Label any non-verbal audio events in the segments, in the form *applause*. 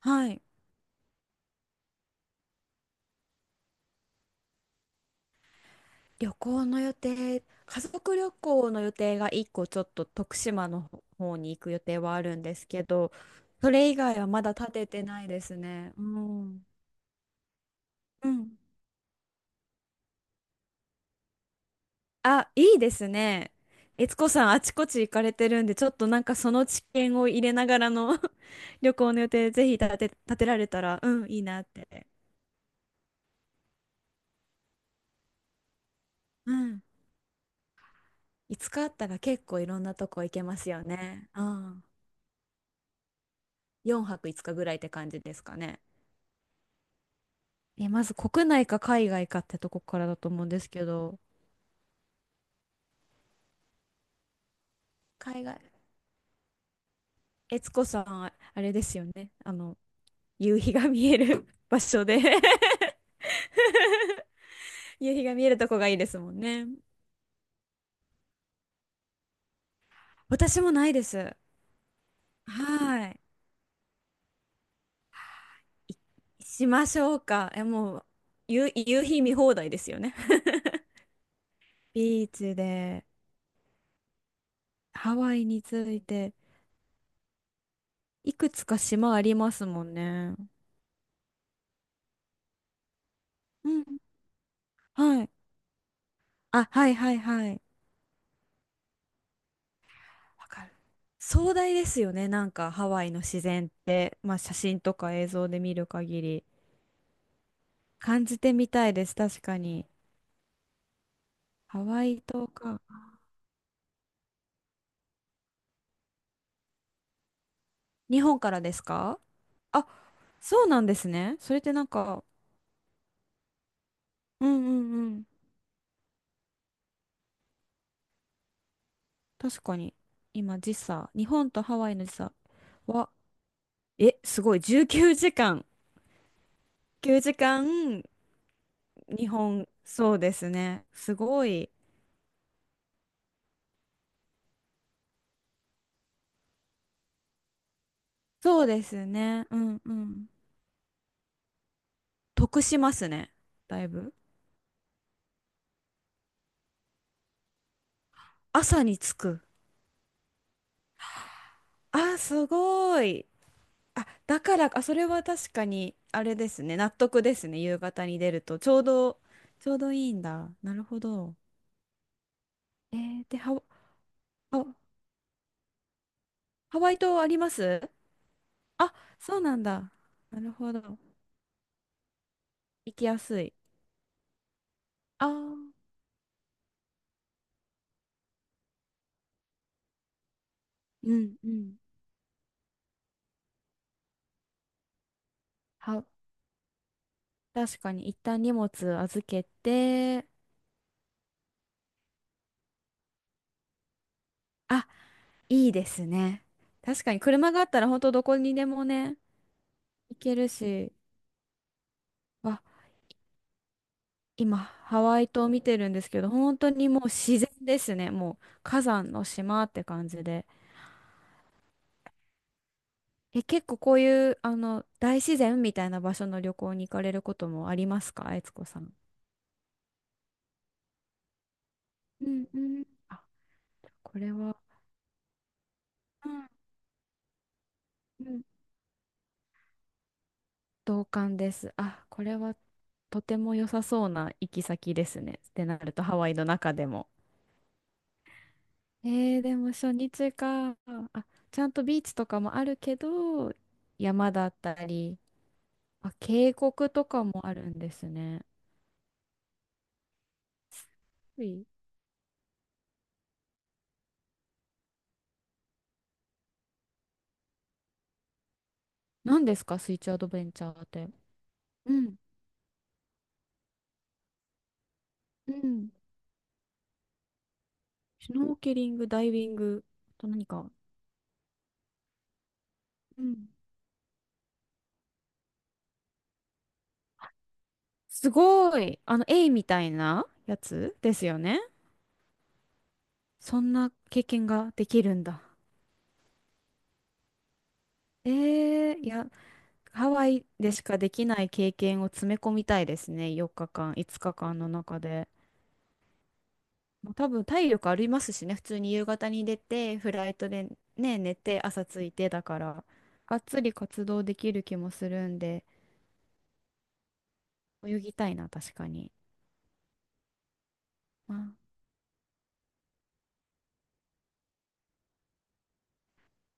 はい。旅行の予定、家族旅行の予定が1個ちょっと徳島の方に行く予定はあるんですけど、それ以外はまだ立ててないですね。うん。うん。あ、いいですね。悦子さん、あちこち行かれてるんで、ちょっとなんかその知見を入れながらの *laughs* 旅行の予定、ぜひ立てられたら、うん、いいなって。うん。5日あったら結構いろんなとこ行けますよね。うん。4泊5日ぐらいって感じですかね。え、まず国内か海外かってとこからだと思うんですけど、海外、悦子さん、あ、あれですよね。夕日が見える *laughs* 場所で *laughs* 夕日が見えるとこがいいですもんね。私もないです。はい。いしましょうか。え、もう、夕日見放題ですよね。*laughs* ビーチで、ハワイについて、いくつか島ありますもんね。うん。はい。あ、はいはいはい。わかる。壮大ですよね。なんかハワイの自然って、まあ写真とか映像で見る限り感じてみたいです。確かに。ハワイ島か。日本からですか？あ、そうなんですね。それってなんか、うんうんうん。確かに。今時差、日本とハワイの時差は、え、すごい。19時間。9時間、日本、そうですね。すごい。そうですね。うんうん。得しますね。だいぶ。朝に着く。あ、すごい。あ、だから、あ、それは確かに、あれですね。納得ですね。夕方に出ると。ちょうど、ちょうどいいんだ。なるほど。えー、で、ハワ、あハワイ島あります？あ、そうなんだ。なるほど。行きやすい。ああ、うんうん。は、確かに、一旦荷物預けて、あ、いいですね。確かに、車があったら、本当どこにでもね、行けるし。わ、今、ハワイ島見てるんですけど、本当にもう自然ですね。もう火山の島って感じで。え、結構こういう、大自然みたいな場所の旅行に行かれることもありますか、悦子さん。うんうん。あ、これは、うんうん、同感です。あ、これはとても良さそうな行き先ですね。ってなると、ハワイの中でも。でも初日か。あ、ちゃんとビーチとかもあるけど、山だったり、あ、渓谷とかもあるんですね。はい。何ですか、水中アドベンチャーって。うん。うん。シュノーケリング、ダイビング、あと何か。うん。すごい。エイみたいなやつですよね。そんな経験ができるんだ。えいや、ハワイでしかできない経験を詰め込みたいですね。4日間、5日間の中で。もう多分体力ありますしね、普通に夕方に出て、フライトでね、寝て、朝着いてだから、がっつり活動できる気もするんで、泳ぎたいな、確かに。まあ、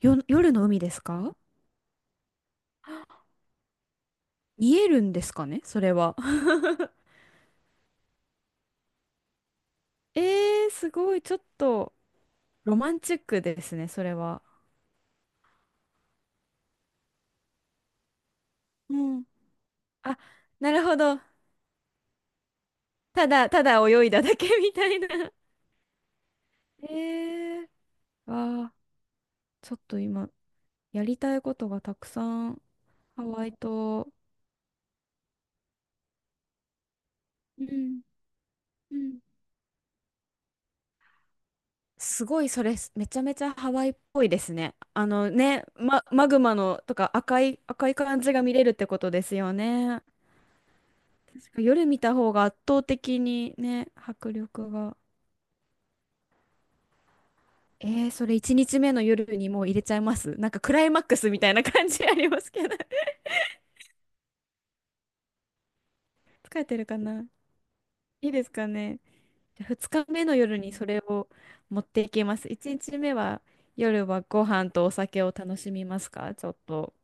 夜の海ですか？見えるんですかね、それは。*laughs* えー、すごい、ちょっとロマンチックですね、それは。うん。あ、なるほど。ただ泳いだだけ *laughs* みたいな。*laughs* えー、あちょっと今、やりたいことがたくさん、ハワイと、うん。うん、すごい、それ、すめちゃめちゃハワイっぽいですね。あのね、マグマのとか赤い感じが見れるってことですよね。確か夜見た方が圧倒的にね、迫力が。えー、それ1日目の夜にもう入れちゃいます？なんかクライマックスみたいな感じありますけど *laughs* 疲れてるかな？いいですかね。じゃあ2日目の夜にそれを持っていきます。1日目は夜はご飯とお酒を楽しみますか、ちょっと。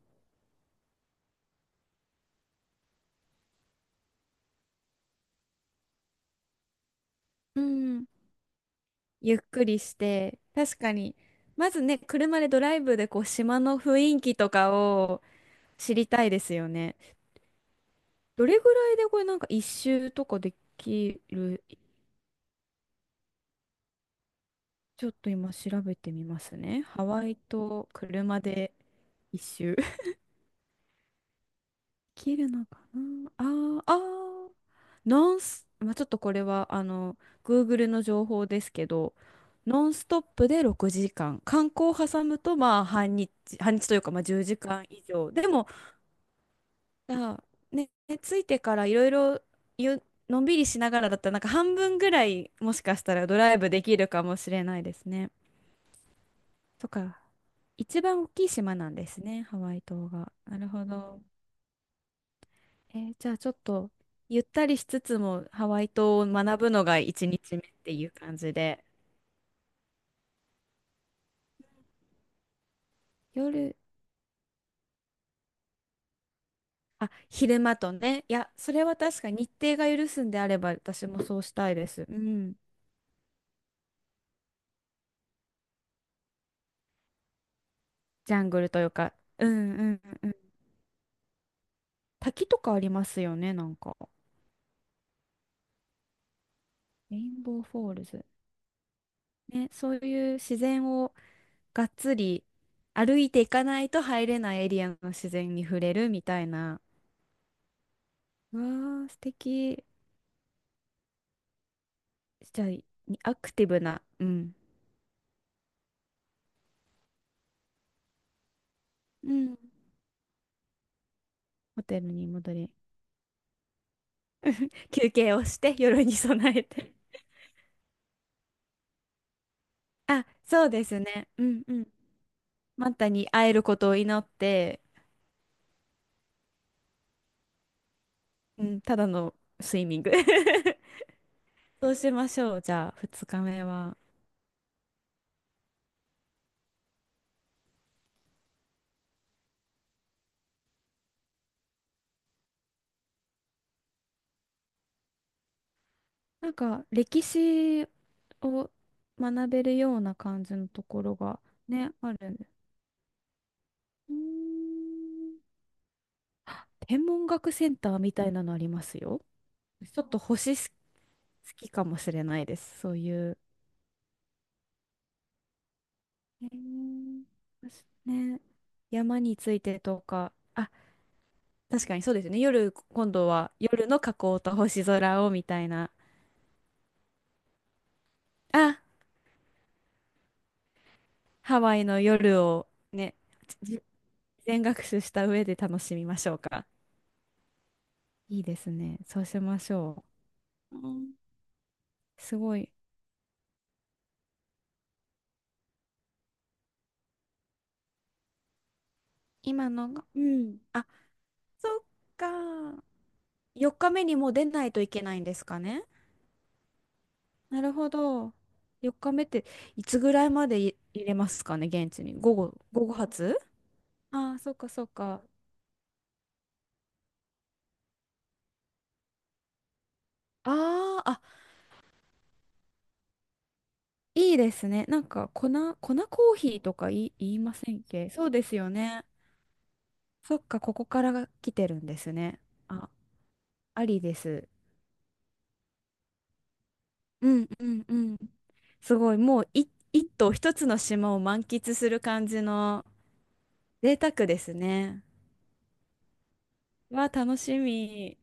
うん、ゆっくりして、確かに、まずね、車でドライブでこう島の雰囲気とかを知りたいですよね。どれぐらいでこれなんか一周とかできる？ちょっと今調べてみますね。ハワイと車で一周。*laughs* できるのかな？あー、あー、ノンス、まあ、ちょっとこれはGoogle の情報ですけど、ノンストップで6時間。観光を挟むと、まあ、半日、半日というか、まあ、10時間以上。でも、あ、ねついてからいろいろ、ゆ、のんびりしながらだったら、なんか半分ぐらいもしかしたらドライブできるかもしれないですね。そっか。一番大きい島なんですね、ハワイ島が。なるほど。えー、じゃあちょっと、ゆったりしつつもハワイ島を学ぶのが1日目っていう感じで。夜、あ、昼間とね。いや、それは確かに日程が許すんであれば私もそうしたいです。うん。ジャングルというか。うんうん、滝とかありますよね、なんか。レインボーフォールズ。ね、そういう自然をがっつり歩いていかないと入れないエリアの自然に触れるみたいな。うわー、素敵。じゃあ、に、アクティブな、うん。うん。ホテルに戻り、休憩をして *laughs* 夜に備えて。あ、そうですね。うんうん。マンタに会えることを祈って、うん、ただのスイミング *laughs* そうしましょう。じゃあ、2日目は。なんか歴史を学べるような感じのところがね、あるんで。うーん、天文学センターみたいなのありますよ。ちょっと星、す、好きかもしれないです、そういう。へー、ね、山についてとか、あ、確かにそうですよね。夜、今度は夜の火口と星空をみたいな。あ、ハワイの夜をね、じ、事前学習した上で楽しみましょうか。いいですね。そうしましょう。ん。う。すごい。今のが、うん。あ、そっか。4日目にもう出ないといけないんですかね。なるほど。4日目っていつぐらいまでい入れますかね、現地に。午後、午後発？ああー、そっかそっか。あー、あ、いいですね。なんか粉コーヒーとか言いませんっけ？そうですよね。そっか、ここからが来てるんですね。あ、ありです。うんうんうん。すごい、もうい、一島、一つの島を満喫する感じの、贅沢ですね。わあ、楽しみ。